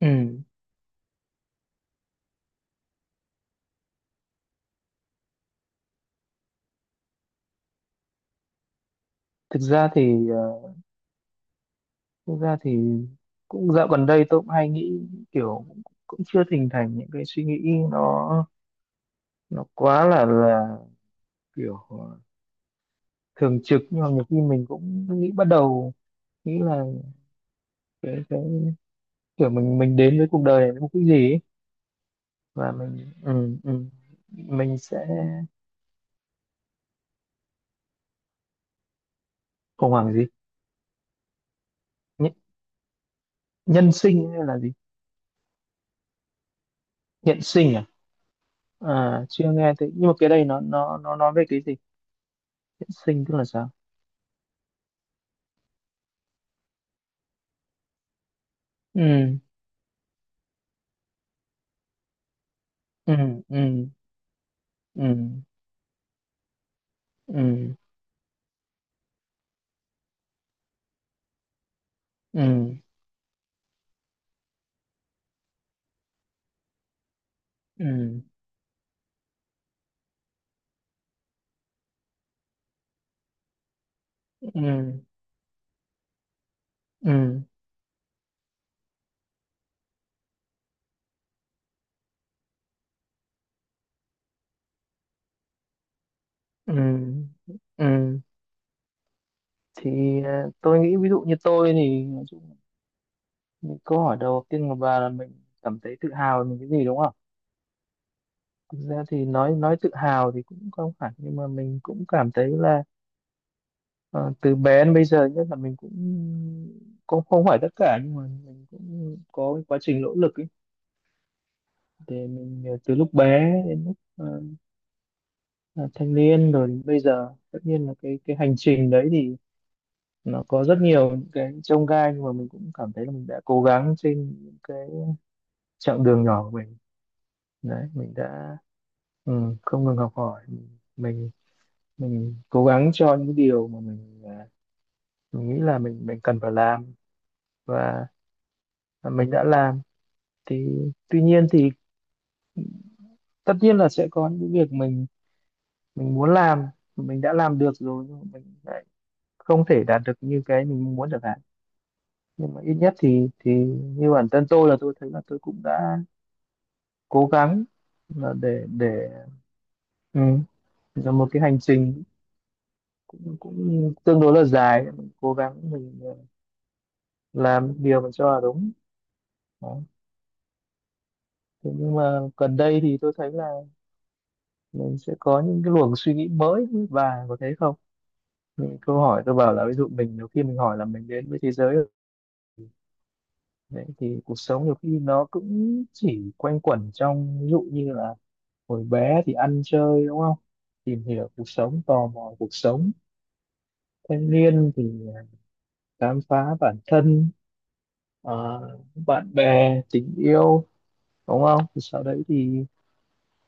Ừ. thực ra thì ờ, Thực ra thì cũng dạo gần đây tôi cũng hay nghĩ, kiểu, cũng cũng chưa hình thành những cái suy nghĩ, nó nó quá là kiểu, thường trực. Nhưng mà nhiều khi mình cũng nghĩ, bắt đầu nghĩ là cái kiểu mình đến với cuộc đời này với mục đích gì ấy. Và mình sẽ khủng hoảng gì? Nh- Nhân sinh hay là gì? Hiện sinh à? À, chưa nghe thấy, nhưng mà cái đây nó nói về cái gì? Hiện sinh tức là sao? Ừ. Ừ. Ừ. Ừ. Ừ. Ừ. Ừ. Ừ. Ừ. Ừ. Ừ. thì tôi nghĩ, ví dụ như tôi thì nói chung là câu hỏi đầu tiên của bà là mình cảm thấy tự hào về mình cái gì, đúng không? Thực ra thì nói tự hào thì cũng không hẳn, nhưng mà mình cũng cảm thấy là, ờ, từ bé đến bây giờ nhất là, mình cũng cũng không phải tất cả, nhưng mà mình cũng có cái quá trình nỗ lực ấy, để mình, từ lúc bé đến lúc, là thanh niên, rồi bây giờ. Tất nhiên là cái hành trình đấy thì nó có rất nhiều những cái chông gai, nhưng mà mình cũng cảm thấy là mình đã cố gắng trên những cái chặng đường nhỏ của mình. Đấy, mình đã ừ, không ngừng học hỏi. Mình mình mình cố gắng cho những điều mà mình nghĩ là mình cần phải làm, và mình đã làm. Thì tuy nhiên thì, tất nhiên là sẽ có những việc mình muốn làm, mình đã làm được rồi, nhưng mà mình lại không thể đạt được như cái mình muốn được. Nhưng mà ít nhất thì như bản thân tôi, là tôi thấy là tôi cũng đã cố gắng, là để ừ, là một cái hành trình cũng tương đối là dài, mình cố gắng, mình làm điều mình cho là đúng. Đó. Thế nhưng mà gần đây thì tôi thấy là mình sẽ có những cái luồng suy nghĩ mới. Và có thấy không, những câu hỏi tôi bảo là, ví dụ mình nhiều khi mình hỏi là mình đến với thế giới rồi, đấy, thì cuộc sống nhiều khi nó cũng chỉ quanh quẩn trong, ví dụ như là hồi bé thì ăn chơi, đúng không, tìm hiểu cuộc sống, tò mò cuộc sống; thanh niên thì, à, khám phá bản thân, ờ, bạn bè, tình yêu, đúng không; thì sau đấy thì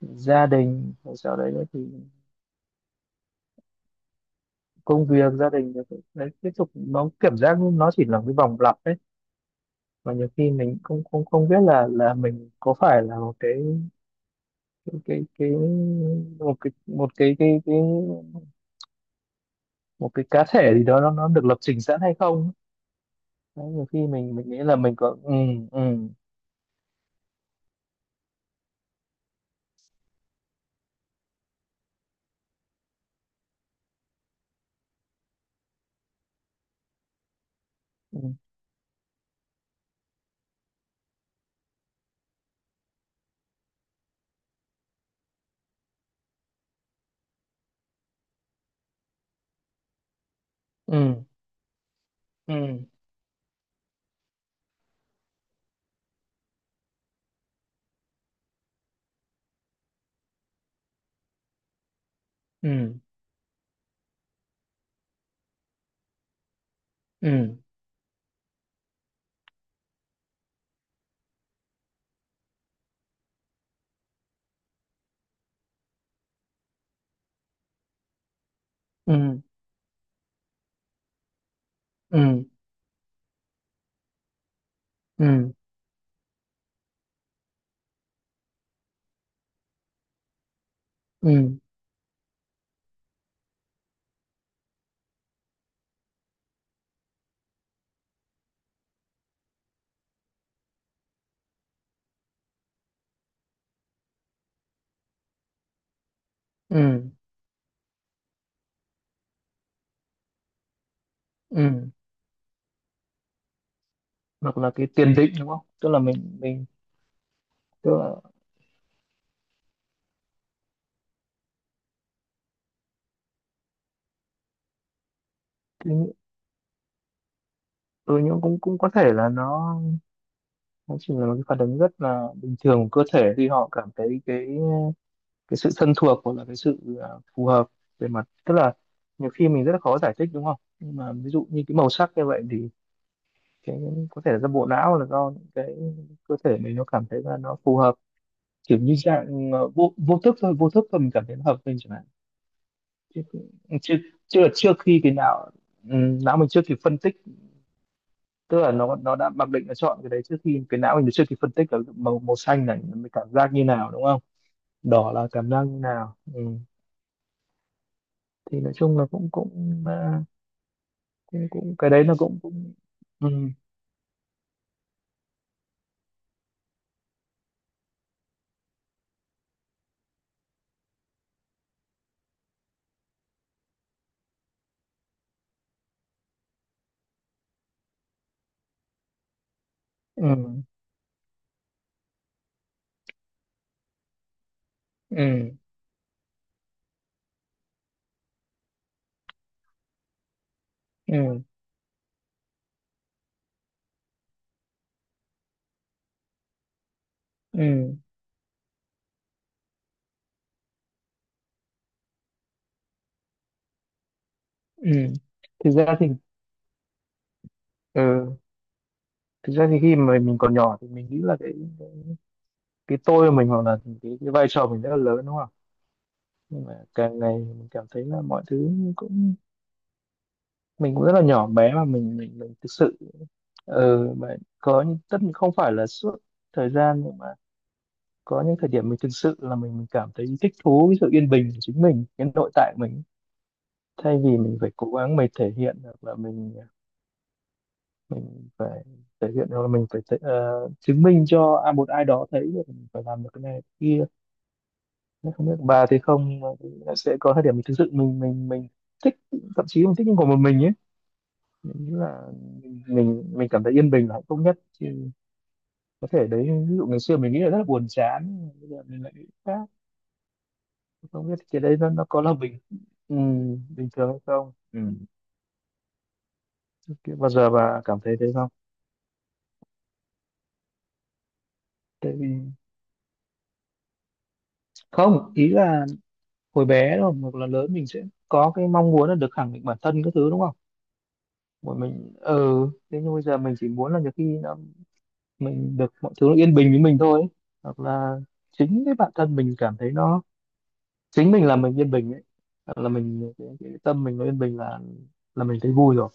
gia đình, rồi sau đấy nữa thì công việc, gia đình, rồi, đấy, tiếp tục. Nó cảm giác nó chỉ là một cái vòng lặp đấy. Và nhiều khi mình không không không biết là mình có phải là một cái một cái một cái một cái cá thể gì đó, nó được lập trình sẵn hay không. Đấy, nhiều khi mình nghĩ là mình có ừ ừ. Ừ. Ừ. Ừ. Ừ. Ừ. Ừ. Ừ. Ừ. Ừ. Ừ. Ừ. Hoặc là cái tiền định, đúng không? Tức là mình tức là cái, ừ, nhưng cũng cũng có thể là nó chỉ là một cái phản ứng rất là bình thường của cơ thể, khi họ cảm thấy cái sự thân thuộc, hoặc là cái sự, phù hợp về mặt, tức là, nhiều khi mình rất là khó giải thích, đúng không, nhưng mà ví dụ như cái màu sắc như vậy thì cái, có thể là do bộ não, là do những cái cơ thể mình nó cảm thấy là nó phù hợp, kiểu như dạng, vô vô thức thôi, vô thức thôi, mình cảm thấy nó hợp mình chẳng hạn. Chứ chưa chưa trước khi cái não, não mình chưa kịp phân tích, tức là nó đã mặc định nó chọn cái đấy trước khi cái não mình chưa kịp phân tích là màu màu xanh này mình cảm giác như nào, đúng không, đỏ là cảm giác như nào. Ừ. Thì nói chung là cũng cũng ờ, cũng cũng cái đấy nó cũng cũng Ừ. Ừ. Ừ. Ừ. Ừ. Ừ. thực ra thì ừ Thực ra thì khi mà mình còn nhỏ thì mình nghĩ là cái, cái tôi của mình, hoặc là cái vai trò mình rất là lớn, đúng không. Nhưng mà càng ngày mình cảm thấy là mọi thứ cũng, mình cũng rất là nhỏ bé, mà mình thực sự, mà có những, tất nhiên không phải là suốt thời gian, nhưng mà có những thời điểm mình thực sự là mình cảm thấy thích thú với sự yên bình của chính mình, cái nội tại của mình, thay vì mình phải cố gắng mình thể hiện, hoặc là mình phải thể hiện, hoặc là mình phải chứng minh cho một ai đó thấy được mình phải làm được cái này cái kia. Nếu không biết của bà thì không, mà sẽ có thời điểm mình thực sự mình thích, thậm chí mình thích những của một mình ấy. Mình nghĩ là mình cảm thấy yên bình là hạnh phúc nhất, chứ có thể đấy, ví dụ ngày xưa mình nghĩ là rất là buồn chán, bây giờ mình lại nghĩ khác, không biết cái đấy nó có là ừ, bình thường hay không. Ừ. Thế bao giờ bà cảm thấy thế không? Tại vì, không, ý là hồi bé rồi hoặc là lớn mình sẽ có cái mong muốn là được khẳng định bản thân các thứ, đúng không, của mình. Ừ. Thế nhưng bây giờ mình chỉ muốn là, nhiều khi nó, mình được mọi thứ nó yên bình với mình thôi ấy, hoặc là chính cái bản thân mình cảm thấy nó, chính mình là mình yên bình ấy, hoặc là mình cái tâm mình nó yên bình là mình thấy vui rồi.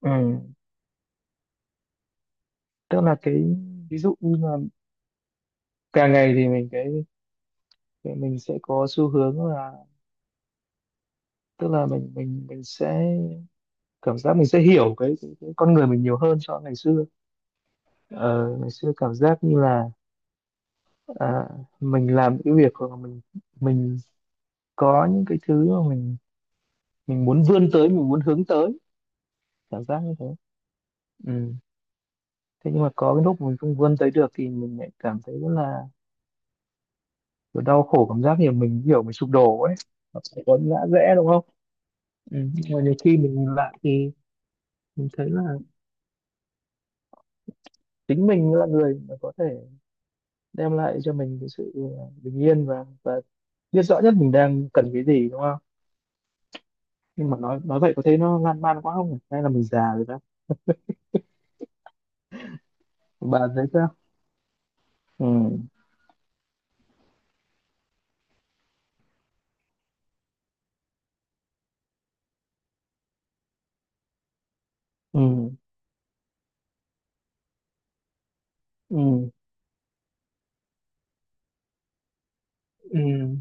Ừ. Tức là cái, ví dụ như là càng ngày thì mình cái mình sẽ có xu hướng là, tức là mình sẽ cảm giác mình sẽ hiểu cái con người mình nhiều hơn so với ngày xưa. Ờ, Ngày xưa cảm giác như là, à, mình làm những cái việc, hoặc là mình có những cái thứ mà mình muốn vươn tới, mình muốn hướng tới, cảm giác như thế. Ừ. Thế nhưng mà có cái lúc mình không vươn tới được thì mình lại cảm thấy rất là kiểu đau khổ, cảm giác như mình hiểu mình sụp đổ ấy. Nó sẽ có ngã rẽ, đúng không. Ừ. Nhưng mà nhiều khi mình nhìn lại thì mình thấy là chính mình là người mà có thể đem lại cho mình cái sự, bình yên, và biết rõ nhất mình đang cần cái gì, đúng không. Nhưng mà nói vậy có thấy nó lan man quá không nhỉ? Hay là mình già rồi đó. Bạn thấy sao? Ừ. Ừ. Ừ. Ừ.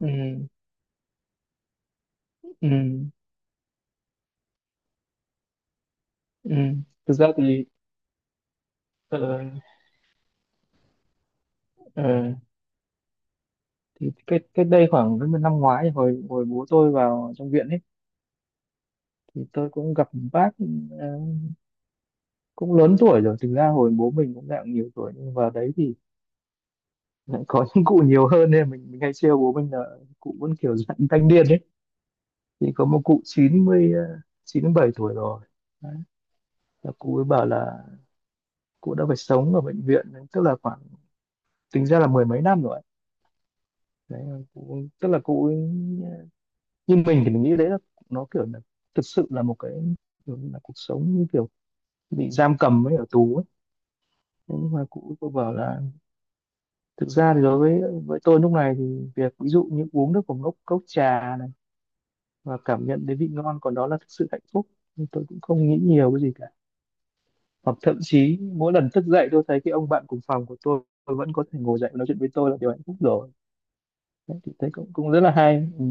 Ừ. Ừ. Ừ. Thực ra thì, ờ, ờ, thì cách cách đây khoảng đến năm ngoái, hồi hồi bố tôi vào trong viện ấy, thì tôi cũng gặp một bác, ờ, cũng lớn tuổi rồi. Thực ra hồi bố mình cũng dạng nhiều tuổi, nhưng vào đấy thì lại có những cụ nhiều hơn, nên mình hay trêu bố mình là cụ vẫn kiểu dạng thanh niên ấy. Thì có một cụ 97 tuổi rồi, đấy. Là cụ ấy bảo là cụ đã phải sống ở bệnh viện, tức là khoảng, tính ra là mười mấy năm rồi ấy. Đấy cụ, tức là cụ ấy, như mình thì mình nghĩ đấy là nó kiểu là thực sự là một cái kiểu là cuộc sống như kiểu bị giam cầm ấy, ở tù ấy. Thế nhưng mà cụ cô bảo là thực ra thì đối với tôi lúc này thì việc, ví dụ như uống được một cốc trà này và cảm nhận đến vị ngon còn đó là thực sự hạnh phúc, nhưng tôi cũng không nghĩ nhiều cái gì cả. Hoặc thậm chí mỗi lần thức dậy tôi thấy cái ông bạn cùng phòng của tôi vẫn có thể ngồi dậy và nói chuyện với tôi, là điều hạnh phúc rồi. Đấy, thì thấy cũng cũng rất là hay. Ừ.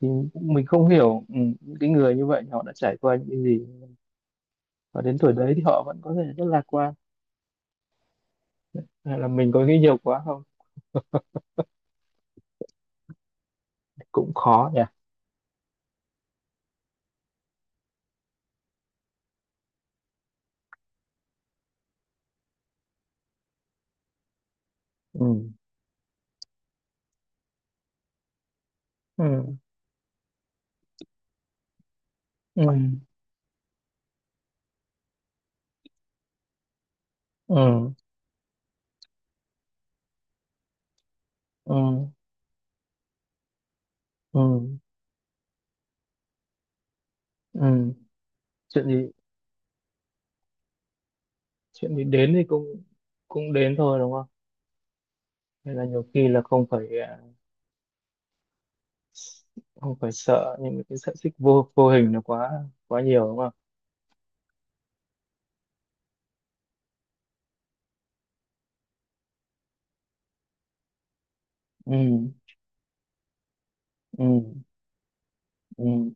Thì mình không hiểu, những cái người như vậy họ đã trải qua những cái gì, và đến tuổi đấy thì họ vẫn có thể rất lạc quan, hay là mình có nghĩ nhiều quá không? Cũng khó nhỉ. Ừ. Ừ. Ừ. Ừ. Ừ. Ừ. Ừ. Chuyện gì? Chuyện gì đến thì cũng cũng đến thôi, đúng không? Nên là nhiều khi là không phải sợ những cái sợi xích vô vô hình nó quá quá nhiều, đúng không. Ừ. Ừ. Ừ.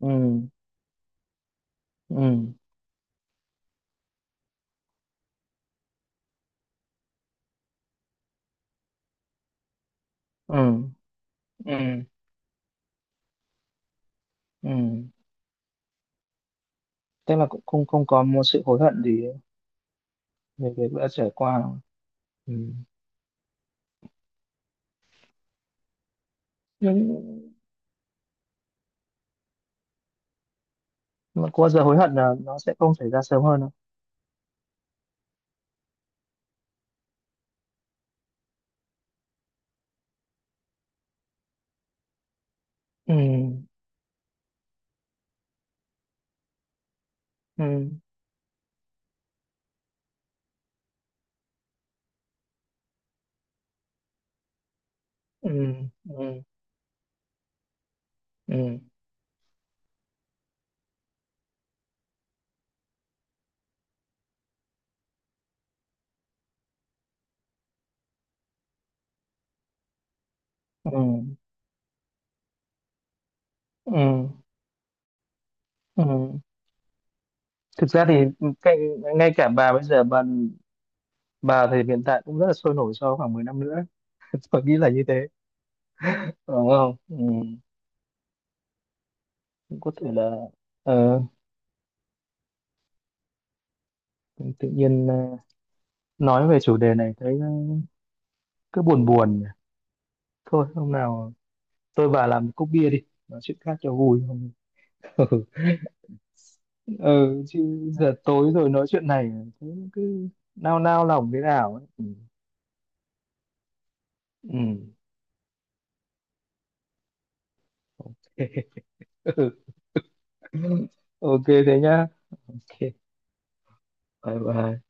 Ừ. Ừ. Ừ. Ừ. Ừ. Tức là cũng không không có một sự hối hận gì về cái đã trải qua, đúng không? Ừ. Nhưng mà có bao giờ hối hận là nó sẽ không xảy ra sớm hơn đâu. Ừ. Ừ. Ừ. Ừ. Ừ. Ừ. Ừ. Ừ. Thực ra thì cái, ngay cả bà bây giờ bà thì hiện tại cũng rất là sôi nổi, sau khoảng 10 năm nữa tôi nghĩ là như thế, đúng không. Ừ. Cũng có thể là, ờ, tự nhiên, nói về chủ đề này thấy, cứ buồn buồn nhỉ. Thôi hôm nào tôi và làm một cốc bia đi, nói chuyện khác cho vui không? Ừ, chứ giờ tối rồi nói chuyện này thế cứ nao nao lòng thế nào ấy. Ừ. Ừ. Ừ. OK thế nhá. OK, bye bye.